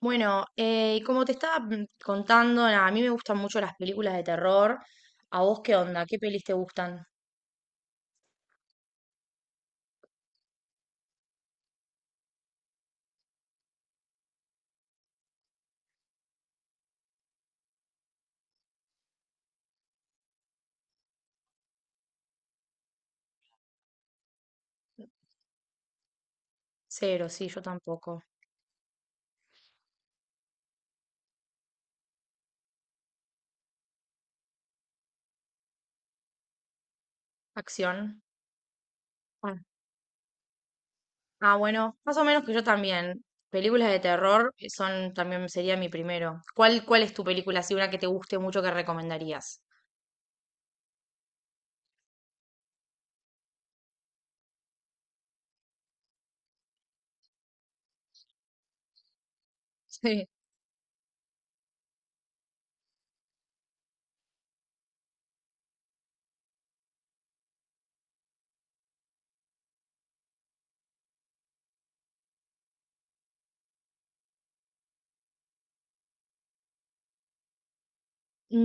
Bueno, y como te estaba contando, nada, a mí me gustan mucho las películas de terror. ¿A vos qué onda? ¿Qué pelis te gustan? Cero, sí, yo tampoco. Acción. Ah, ah, bueno, más o menos que yo también. Películas de terror son también sería mi primero. ¿Cuál es tu película, así una que te guste mucho que recomendarías? Sí.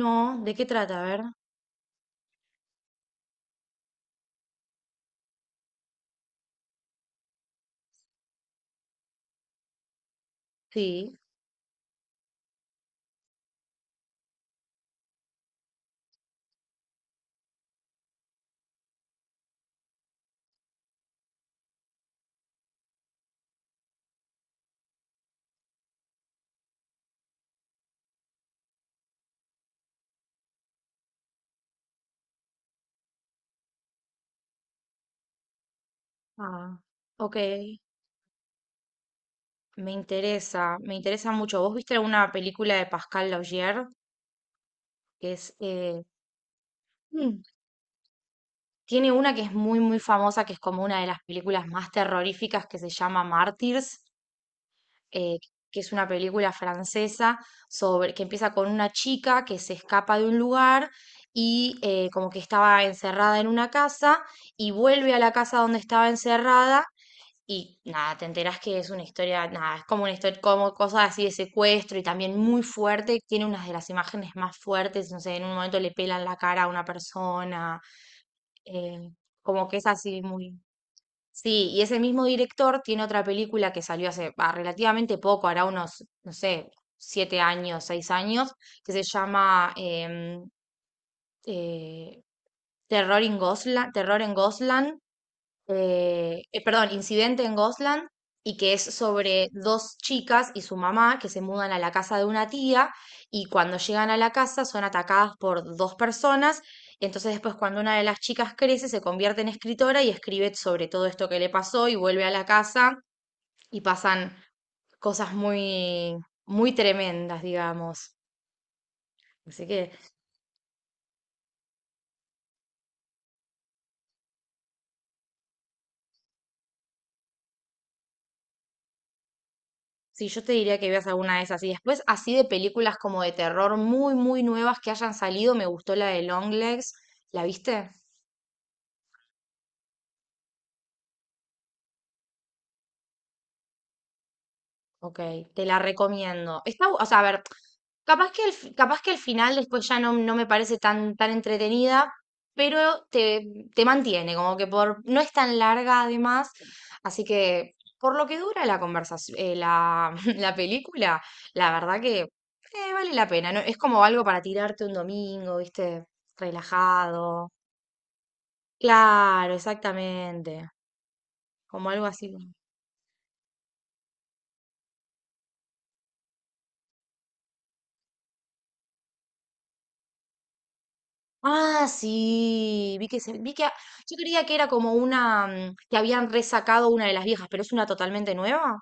No, ¿de qué trata? A ver. Sí. Ah, ok. Me interesa mucho. ¿Vos viste alguna película de Pascal Laugier? Que es. Mm. Tiene una que es muy, muy famosa, que es como una de las películas más terroríficas, que se llama Martyrs, eh, que es una película francesa sobre, que empieza con una chica que se escapa de un lugar y como que estaba encerrada en una casa y vuelve a la casa donde estaba encerrada y nada, te enterás que es una historia, nada, es como una historia, como cosas así de secuestro y también muy fuerte, tiene unas de las imágenes más fuertes, no sé, en un momento le pelan la cara a una persona, eh, como que es así muy. Sí, y ese mismo director tiene otra película que salió hace relativamente poco, hará unos, no sé, 7 años, 6 años, que se llama eh, Terror en Goslan, Terror en Goslan, perdón, Incidente en Gosland, y que es sobre dos chicas y su mamá que se mudan a la casa de una tía y cuando llegan a la casa son atacadas por dos personas. Entonces después cuando una de las chicas crece se convierte en escritora y escribe sobre todo esto que le pasó y vuelve a la casa y pasan cosas muy, muy tremendas, digamos. Así que sí, yo te diría que veas alguna de esas. Y después, así de películas como de terror muy, muy nuevas que hayan salido, me gustó la de Longlegs. ¿La viste? Ok, te la recomiendo. Está, o sea, a ver, capaz que el final después ya no, no me parece tan, tan entretenida, pero te mantiene, como que no es tan larga además, así que por lo que dura la conversación, la, la película, la verdad que vale la pena, ¿no? Es como algo para tirarte un domingo, ¿viste? Relajado. Claro, exactamente. Como algo así. Ah, sí, vi que yo creía que era como una que habían resacado una de las viejas, pero es una totalmente nueva.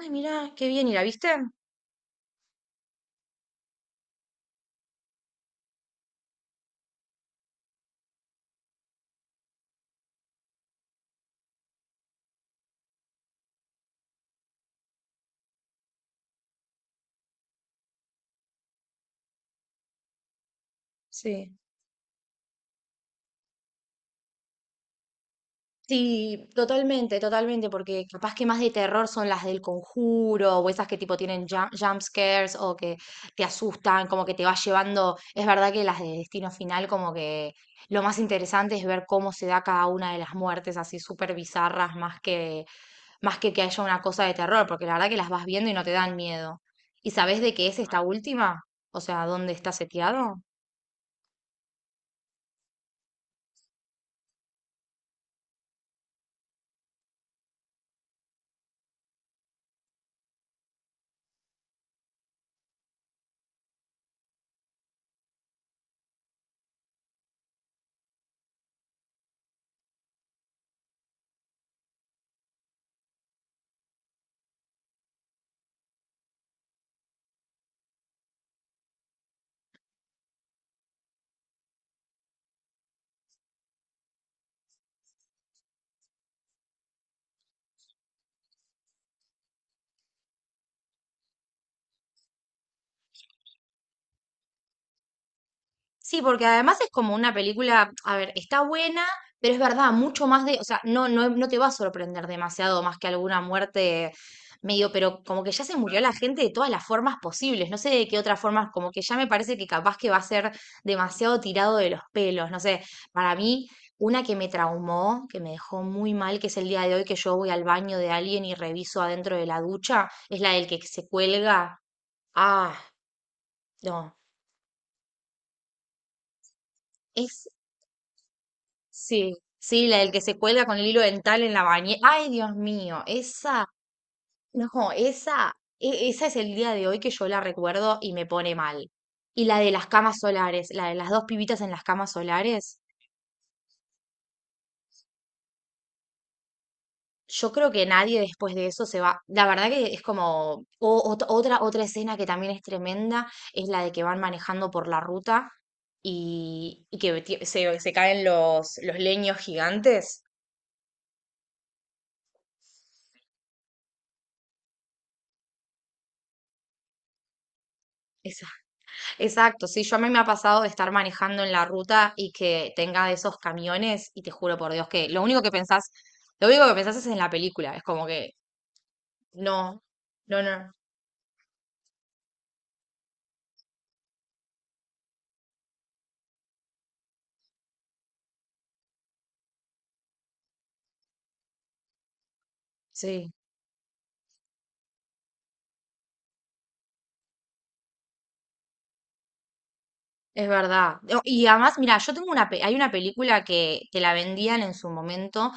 Ay, mirá, qué bien, ¿y la viste? Sí. Sí, totalmente, totalmente, porque capaz que más de terror son las del conjuro o esas que tipo tienen jump scares o que te asustan, como que te vas llevando. Es verdad que las de Destino Final, como que lo más interesante es ver cómo se da cada una de las muertes así súper bizarras, más que haya una cosa de terror, porque la verdad que las vas viendo y no te dan miedo. ¿Y sabes de qué es esta última? O sea, ¿dónde está seteado? Sí, porque además es como una película, a ver, está buena, pero es verdad, mucho más de, o sea, no, no, no te va a sorprender demasiado más que alguna muerte medio, pero como que ya se murió la gente de todas las formas posibles, no sé de qué otras formas, como que ya me parece que capaz que va a ser demasiado tirado de los pelos, no sé, para mí, una que me traumó, que me dejó muy mal, que es el día de hoy que yo voy al baño de alguien y reviso adentro de la ducha, es la del que se cuelga, ah, no. Es Sí, sí, la del que se cuelga con el hilo dental en la bañera. Ay, Dios mío, esa, no, esa, esa es el día de hoy que yo la recuerdo y me pone mal. Y la de las camas solares, la de las dos pibitas en las camas solares, yo creo que nadie después de eso se va. La verdad que es como otra escena que también es tremenda, es la de que van manejando por la ruta y se caen los leños gigantes. Esa. Exacto, sí, yo a mí me ha pasado de estar manejando en la ruta y que tenga de esos camiones y te juro por Dios que lo único que pensás, lo único que pensás es en la película, es como que no, no, no, sí, es verdad. No, y además, mira, yo tengo una, hay una película que la vendían en su momento,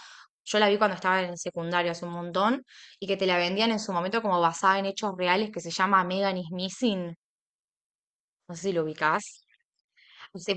yo la vi cuando estaba en el secundario hace un montón, y que te la vendían en su momento como basada en hechos reales que se llama Megan is Missing, no sé si lo ubicás. Sí.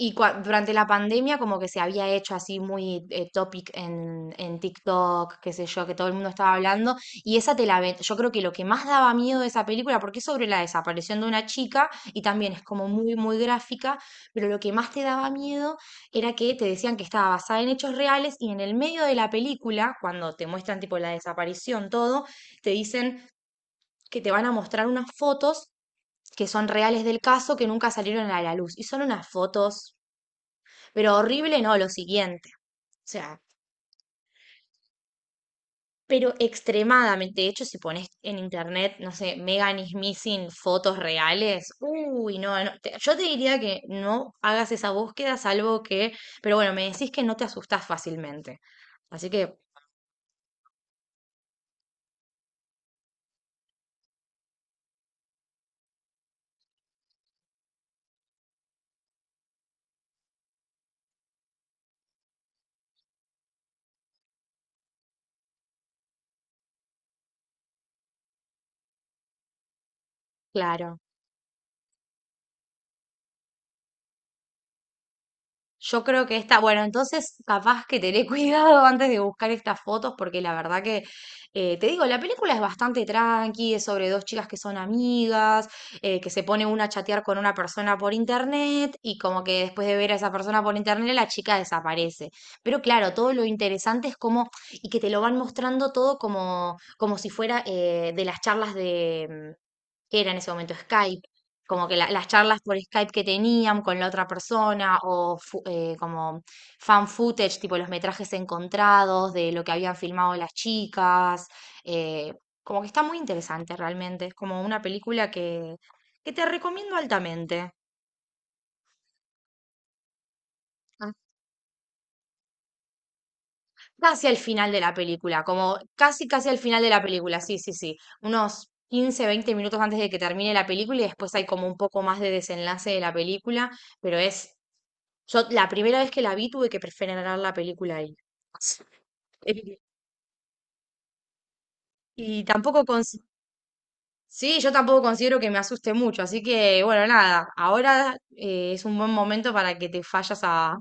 Durante la pandemia como que se había hecho así muy topic en TikTok, qué sé yo, que todo el mundo estaba hablando. Y esa te la ven. Yo creo que lo que más daba miedo de esa película, porque es sobre la desaparición de una chica y también es como muy, muy gráfica, pero lo que más te daba miedo era que te decían que estaba basada en hechos reales y en el medio de la película, cuando te muestran tipo la desaparición, todo, te dicen que te van a mostrar unas fotos que son reales del caso que nunca salieron a la luz. Y son unas fotos pero horrible no, lo siguiente. O sea, pero extremadamente. De hecho, si pones en internet, no sé, Megan is missing fotos reales, uy, no, no, yo te diría que no hagas esa búsqueda, salvo que, pero bueno, me decís que no te asustás fácilmente. Así que, claro. Yo creo que esta, bueno, entonces capaz que tener cuidado antes de buscar estas fotos, porque la verdad que, te digo, la película es bastante tranqui, es sobre dos chicas que son amigas, que se pone una a chatear con una persona por internet y como que después de ver a esa persona por internet la chica desaparece. Pero claro, todo lo interesante es como, y que te lo van mostrando todo como, como si fuera de las charlas de, que era en ese momento Skype, como que las charlas por Skype que tenían con la otra persona o como fan footage, tipo los metrajes encontrados de lo que habían filmado las chicas, eh, como que está muy interesante realmente, es como una película que te recomiendo altamente. Ah, casi al final de la película, como casi casi al final de la película, sí, sí, sí, unos 15-20 minutos antes de que termine la película y después hay como un poco más de desenlace de la película, pero es. Yo la primera vez que la vi tuve que preferenar la película ahí. Eh, y tampoco sí, yo tampoco considero que me asuste mucho, así que bueno, nada, ahora es un buen momento para que te fallas a,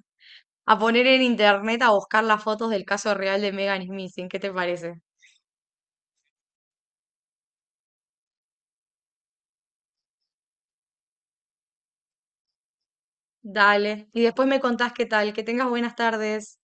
a poner en internet a buscar las fotos del caso real de Megan Smith, ¿qué te parece? Dale, y después me contás qué tal, que tengas buenas tardes.